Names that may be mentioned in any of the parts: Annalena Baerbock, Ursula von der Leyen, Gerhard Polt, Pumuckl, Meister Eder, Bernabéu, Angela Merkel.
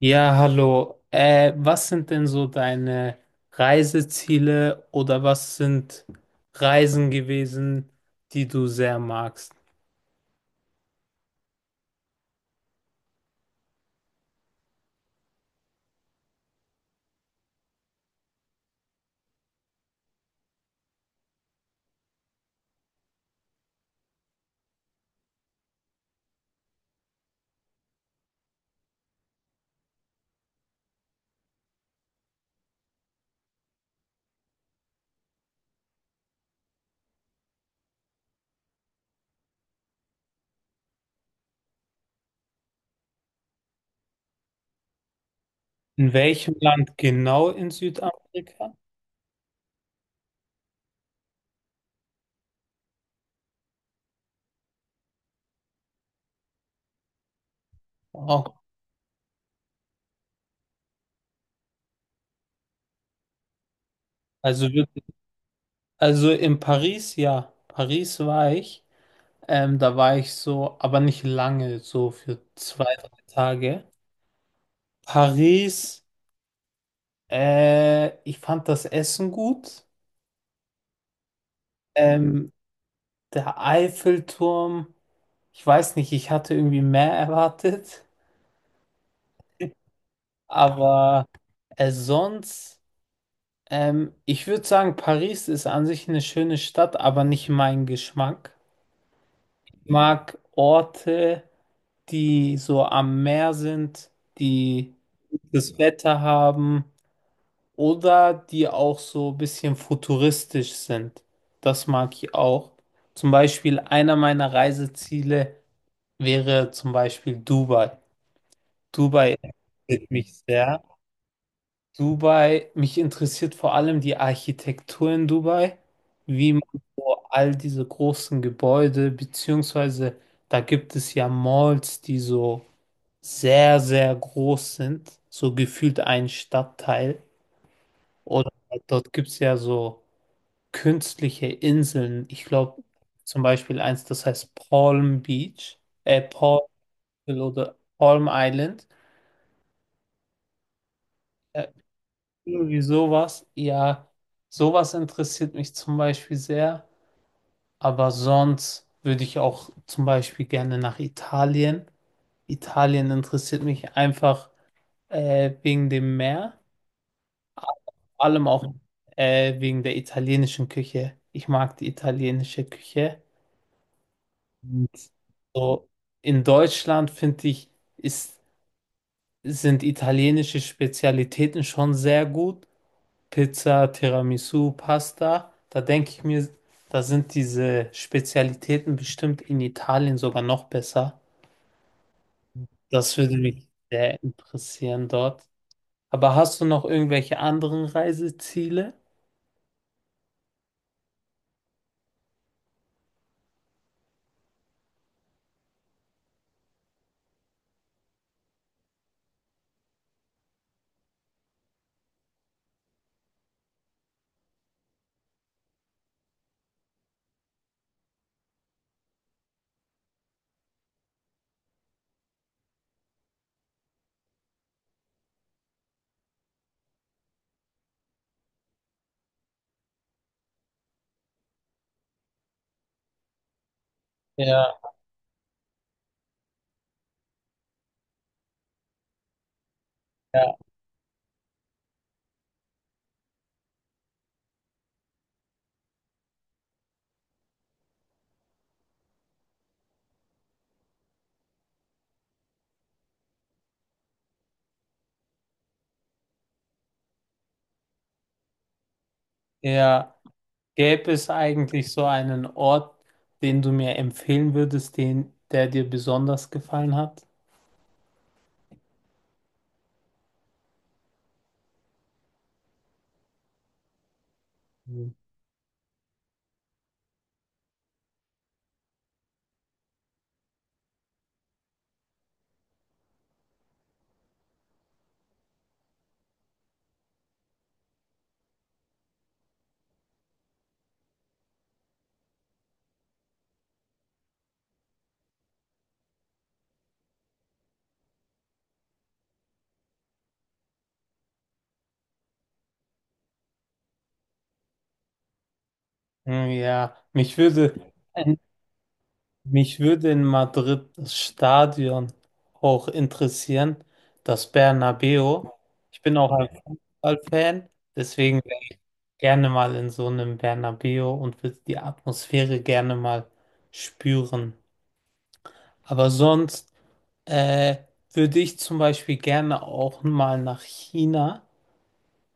Ja, hallo. Was sind denn so deine Reiseziele oder was sind Reisen gewesen, die du sehr magst? In welchem Land genau in Südamerika? Wow. Also wirklich, also in Paris, ja. Paris war ich. Da war ich so, aber nicht lange, so für zwei, drei Tage. Paris, ich fand das Essen gut. Ähm, Der Eiffelturm. Ich weiß nicht, ich hatte irgendwie mehr erwartet, aber sonst, ich würde sagen, Paris ist an sich eine schöne Stadt, aber nicht mein Geschmack. Ich mag Orte, die so am Meer sind, die gutes Wetter haben oder die auch so ein bisschen futuristisch sind. Das mag ich auch. Zum Beispiel einer meiner Reiseziele wäre zum Beispiel Dubai. Dubai interessiert mich sehr. Dubai, mich interessiert vor allem die Architektur in Dubai, wie man so all diese großen Gebäude, beziehungsweise da gibt es ja Malls, die so sehr, sehr groß sind, so gefühlt ein Stadtteil. Oder dort gibt es ja so künstliche Inseln. Ich glaube zum Beispiel eins, das heißt Palm Beach, Palm oder Palm Island. Äh, Irgendwie sowas, ja, sowas interessiert mich zum Beispiel sehr, aber sonst würde ich auch zum Beispiel gerne nach Italien. Italien interessiert mich einfach wegen dem Meer, vor allem auch wegen der italienischen Küche. Ich mag die italienische Küche. Und so in Deutschland finde ich, ist, sind italienische Spezialitäten schon sehr gut, Pizza, Tiramisu, Pasta, da denke ich mir, da sind diese Spezialitäten bestimmt in Italien sogar noch besser. Das würde mich sehr interessieren dort. Aber hast du noch irgendwelche anderen Reiseziele? Ja, ja. Ja, gäbe es eigentlich so einen Ort, den du mir empfehlen würdest, den, der dir besonders gefallen hat? Hm. Hm, ja, mich würde in Madrid das Stadion auch interessieren, das Bernabéu. Ich bin auch ein Fußballfan, deswegen wäre ich gerne mal in so einem Bernabéu und würde die Atmosphäre gerne mal spüren. Aber sonst äh, würde ich zum Beispiel gerne auch mal nach China.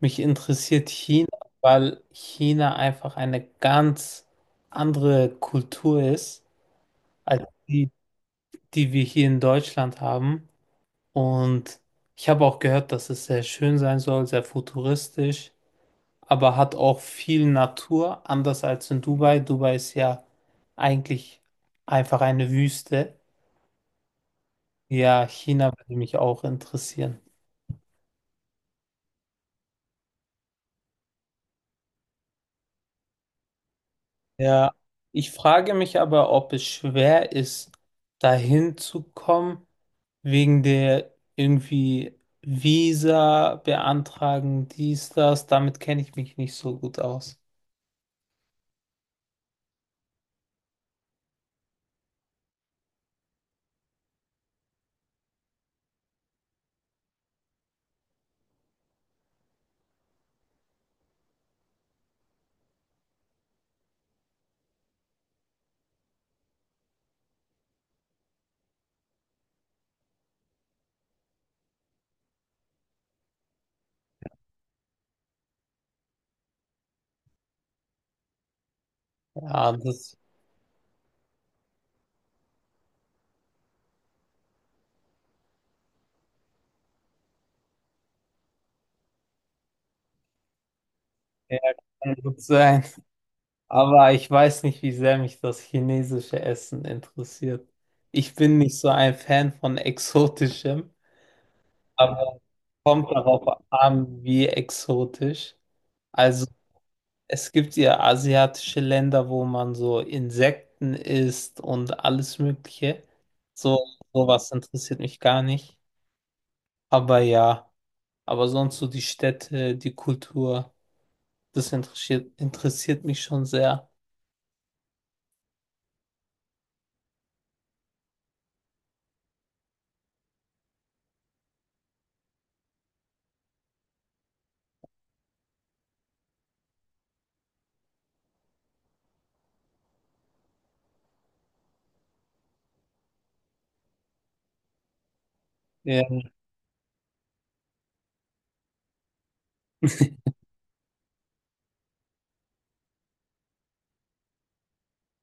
Mich interessiert China, weil China einfach eine ganz andere Kultur ist als die, die wir hier in Deutschland haben. Und ich habe auch gehört, dass es sehr schön sein soll, sehr futuristisch, aber hat auch viel Natur, anders als in Dubai. Dubai ist ja eigentlich einfach eine Wüste. Ja, China würde mich auch interessieren. Ja, ich frage mich aber, ob es schwer ist, dahin zu kommen, wegen der irgendwie Visa beantragen, dies, das. Damit kenne ich mich nicht so gut aus. Ja, das ja, kann gut sein. Aber ich weiß nicht, wie sehr mich das chinesische Essen interessiert. Ich bin nicht so ein Fan von exotischem, aber kommt darauf an, wie exotisch. Also es gibt ja asiatische Länder, wo man so Insekten isst und alles Mögliche. So, sowas interessiert mich gar nicht. Aber ja, aber sonst so die Städte, die Kultur, das interessiert mich schon sehr. Ja.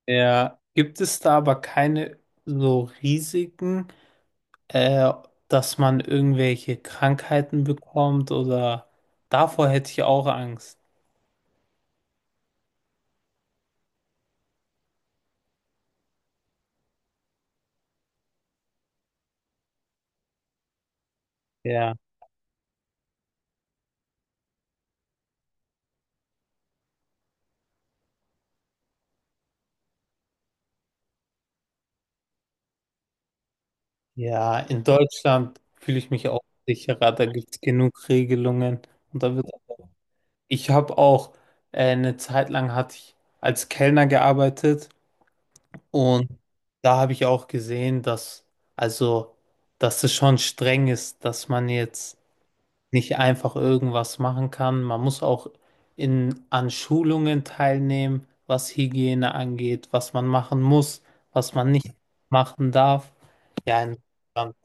Ja, gibt es da aber keine so Risiken, äh, dass man irgendwelche Krankheiten bekommt oder davor hätte ich auch Angst. Ja, ja, in Deutschland fühle ich mich auch sicherer, da gibt es genug Regelungen und da wird ich habe auch eine Zeit lang hatte ich als Kellner gearbeitet und da habe ich auch gesehen, dass also dass es schon streng ist, dass man jetzt nicht einfach irgendwas machen kann. Man muss auch in, an Schulungen teilnehmen, was Hygiene angeht, was man machen muss, was man nicht machen darf. Ja, in Deutschland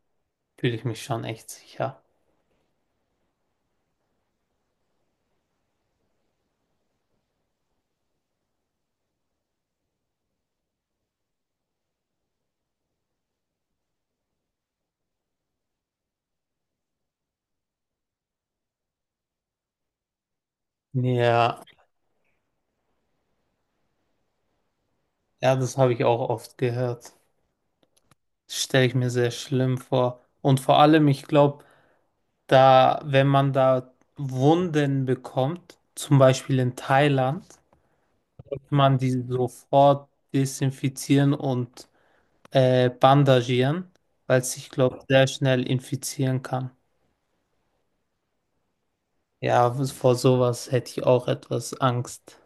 fühle ich mich schon echt sicher. Ja, ja, das habe ich auch oft gehört. Das stelle ich mir sehr schlimm vor. Und vor allem, ich glaube, da, wenn man da Wunden bekommt, zum Beispiel in Thailand, kann man die sofort desinfizieren und bandagieren, weil es ich glaube sehr schnell infizieren kann. Ja, vor sowas hätte ich auch etwas Angst.